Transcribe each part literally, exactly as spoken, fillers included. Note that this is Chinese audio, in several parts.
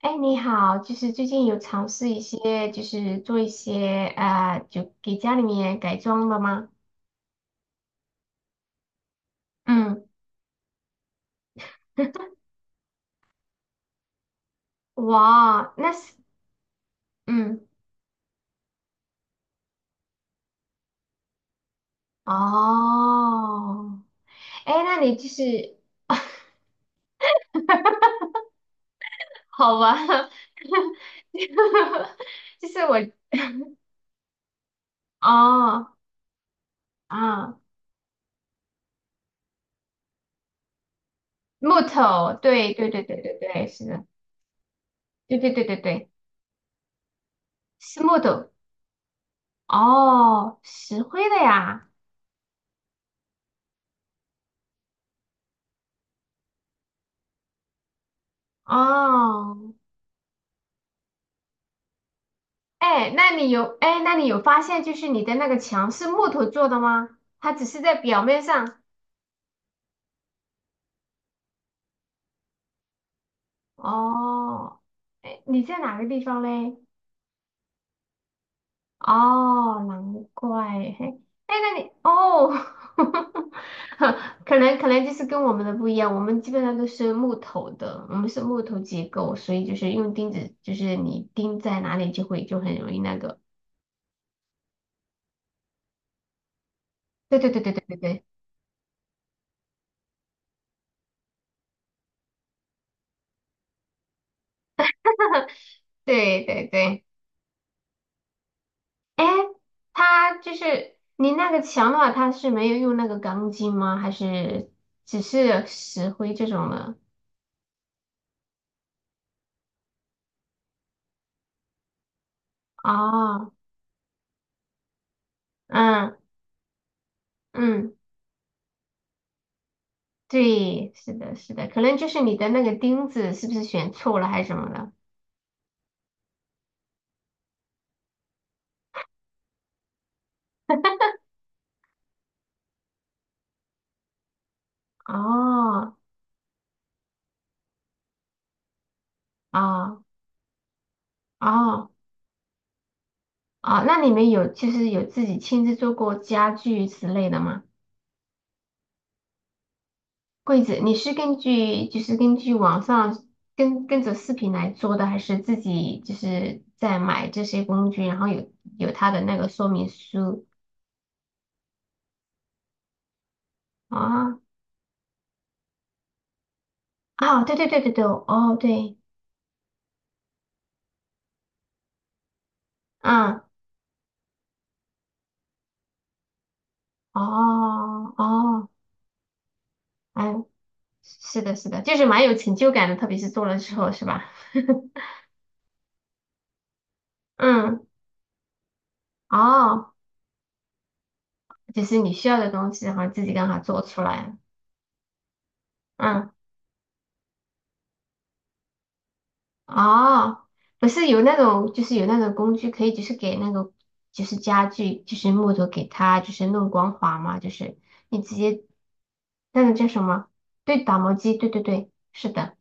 哎，你好，就是最近有尝试一些，就是做一些呃，就给家里面改装的吗？嗯，哇，那是，嗯，哦，哎，那你就是好吧，就是我，哦，啊，木头，对对对对对对，是的，对对对对对，是木头，哦，石灰的呀，哦。哎，那你有哎，那你有发现就是你的那个墙是木头做的吗？它只是在表面上。哦，哎，你在哪个地方嘞？哦，难怪。嘿，哎，那你哦，可能可能就是跟我们的不一样，我们基本上都是木头的，我们是木头结构，所以就是用钉子，就是你钉在哪里就会就很容易那个。对对对对对对对对对对对。哎，它就是你那个墙的话，它是没有用那个钢筋吗？还是只是石灰这种的？哦，嗯嗯，对，是的，是的，可能就是你的那个钉子是不是选错了还是什么的？哦哦哦哦，那你们有就是有自己亲自做过家具之类的吗？柜子，你是根据就是根据网上跟跟着视频来做的，还是自己就是在买这些工具，然后有有它的那个说明书啊？啊，对对对对对，哦对，嗯，哦哦，哎，是的，是的，就是蛮有成就感的，特别是做了之后，是吧？嗯，哦，就是你需要的东西，然后自己刚好做出来，嗯。哦，不是有那种，就是有那种工具可以，就是给那个，就是家具，就是木头给它，就是弄光滑嘛，就是你直接那个叫什么？对，打磨机，对对对，是的，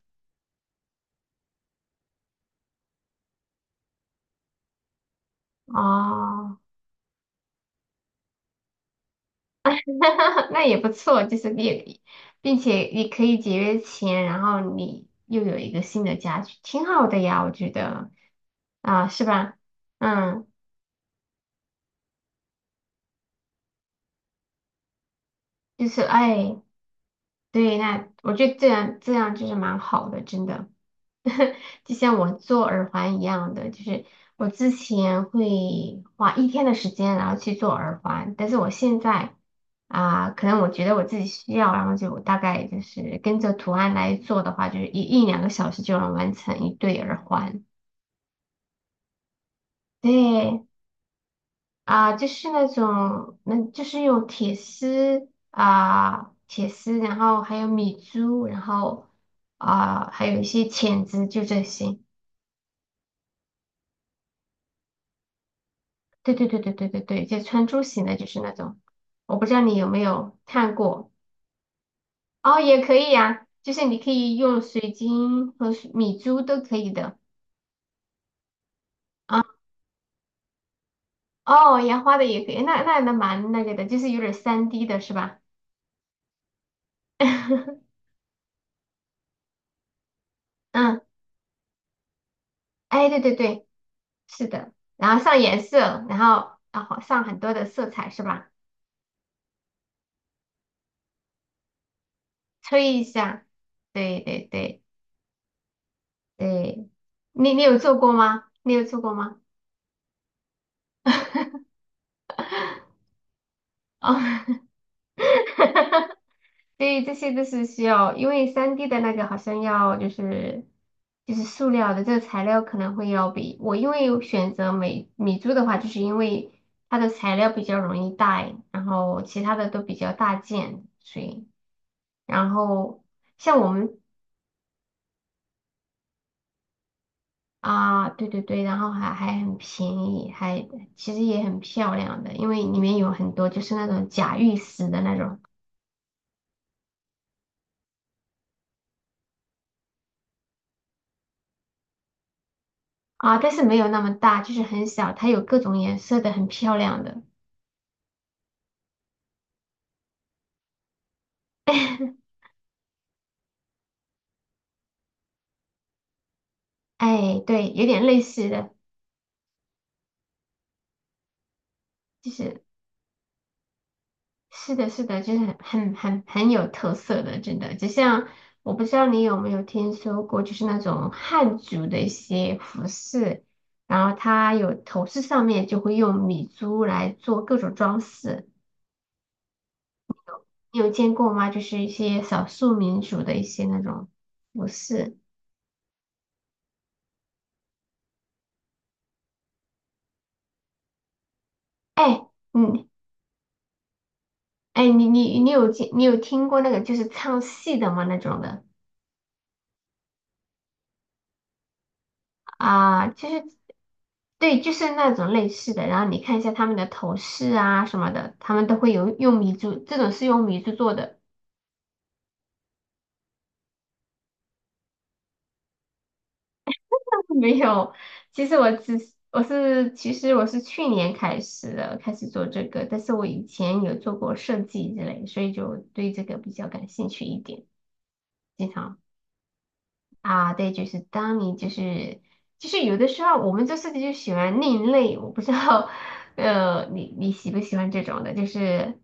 哦，那也不错，就是也，并且也可以节约钱，然后你又有一个新的家具，挺好的呀，我觉得啊，是吧？嗯，就是哎，对，那我觉得这样这样就是蛮好的，真的。就像我做耳环一样的，就是我之前会花一天的时间，然后去做耳环，但是我现在啊、可能我觉得我自己需要，然后就大概就是跟着图案来做的话，就是一一两个小时就能完成一对耳环。对啊、就是那种，那就是用铁丝啊、铁丝，然后还有米珠，然后啊、还有一些钳子，就这些。对对对对对对对，就穿珠型的，就是那种，我不知道你有没有看过哦，也可以呀、就是你可以用水晶和水米珠都可以的啊，哦，烟花的也可以，那那那蛮那个的，就是有点三 d 的是吧？嗯，哎，对对对，是的，然后上颜色，然后然后上很多的色彩是吧？吹一下，对对对对，你你有做过吗？你有做过吗？哦，对，这些都是需要，因为三 d 的那个好像要就是就是塑料的这个材料可能会要比我因为选择美米珠的话，就是因为它的材料比较容易带，然后其他的都比较大件，所以然后像我们啊，对对对，然后还还很便宜，还其实也很漂亮的，因为里面有很多就是那种假玉石的那种啊，但是没有那么大，就是很小，它有各种颜色的，很漂亮的。哎，对，有点类似的，就是是的，是的，就是很很很很有特色的，真的。就像我不知道你有没有听说过，就是那种汉族的一些服饰，然后它有头饰上面就会用米珠来做各种装饰，你有见过吗？就是一些少数民族的一些那种服饰。哎，嗯，哎，你你你有见你有听过那个就是唱戏的吗？那种的。啊，其实对，就是那种类似的。然后你看一下他们的头饰啊什么的，他们都会有用米珠，这种是用米珠做的。没有，其实我只是我是其实我是去年开始的，开始做这个，但是我以前有做过设计之类，所以就对这个比较感兴趣一点，经常。啊，对，就是当你就是就是有的时候我们做设计就喜欢另类，我不知道，呃，你你喜不喜欢这种的？就是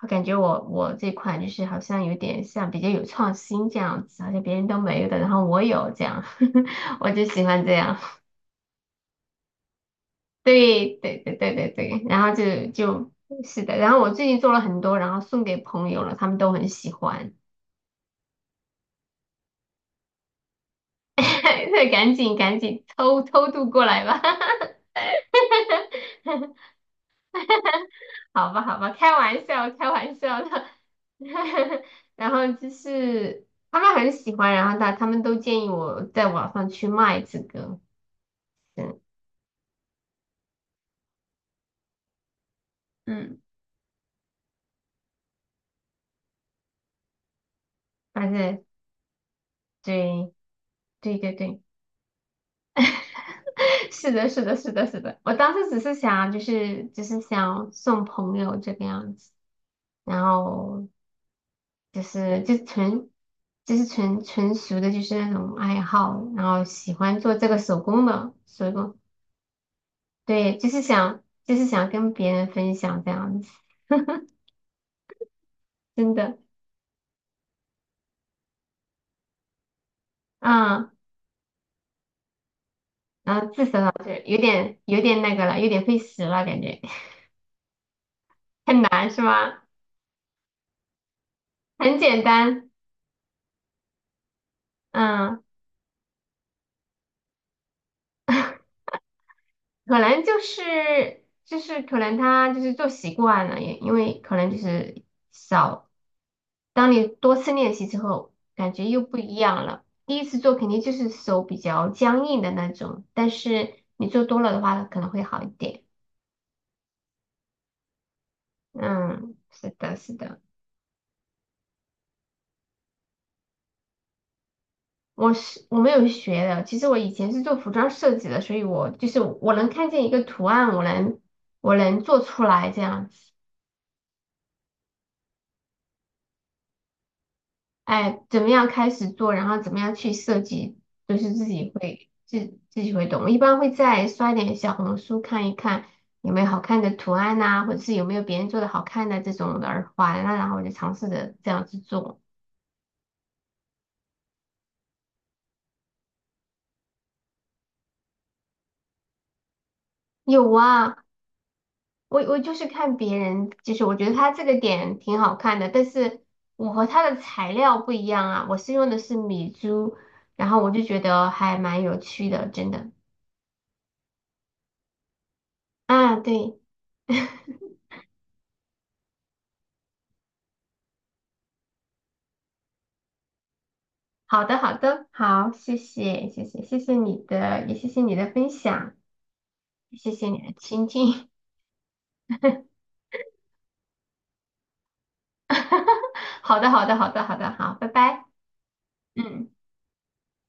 我感觉我我这款就是好像有点像比较有创新这样子，好像别人都没有的，然后我有这样，我就喜欢这样。对对对对对对，然后就就是的，然后我最近做了很多，然后送给朋友了，他们都很喜欢，对，赶紧赶紧偷偷渡过来吧。好吧，好吧，开玩笑，开玩笑的。然后就是他们很喜欢，然后他他们都建议我在网上去卖这个，嗯，嗯，但是对，对对对，是的，是的，是的，是的。我当时只是想，就是就是想送朋友这个样子，然后就是就纯就是纯纯属的，就是那种爱好，然后喜欢做这个手工的手工。对，就是想，就是想跟别人分享这样子，真的，嗯，然后自首老师有点有点那个了，有点费时了，感觉 很难是吗？很简单，嗯，可能就是就是可能他就是做习惯了，也因为可能就是少，当你多次练习之后，感觉又不一样了。第一次做肯定就是手比较僵硬的那种，但是你做多了的话，可能会好一点。嗯，是的，是的。我是我没有学的，其实我以前是做服装设计的，所以我就是我能看见一个图案，我能我能做出来这样子。哎，怎么样开始做，然后怎么样去设计，都是自己会自自己会懂。我一般会再刷点小红书看一看有没有好看的图案呐、或者是有没有别人做的好看的这种的耳环啊，然后我就尝试着这样子做。有啊，我我就是看别人，就是我觉得他这个点挺好看的，但是我和他的材料不一样啊，我是用的是米珠，然后我就觉得还蛮有趣的，真的。啊，对，好的好的，好，谢谢谢谢谢谢你的，也谢谢你的分享，谢谢你的倾听。好的好的好的好的，好，拜拜。嗯。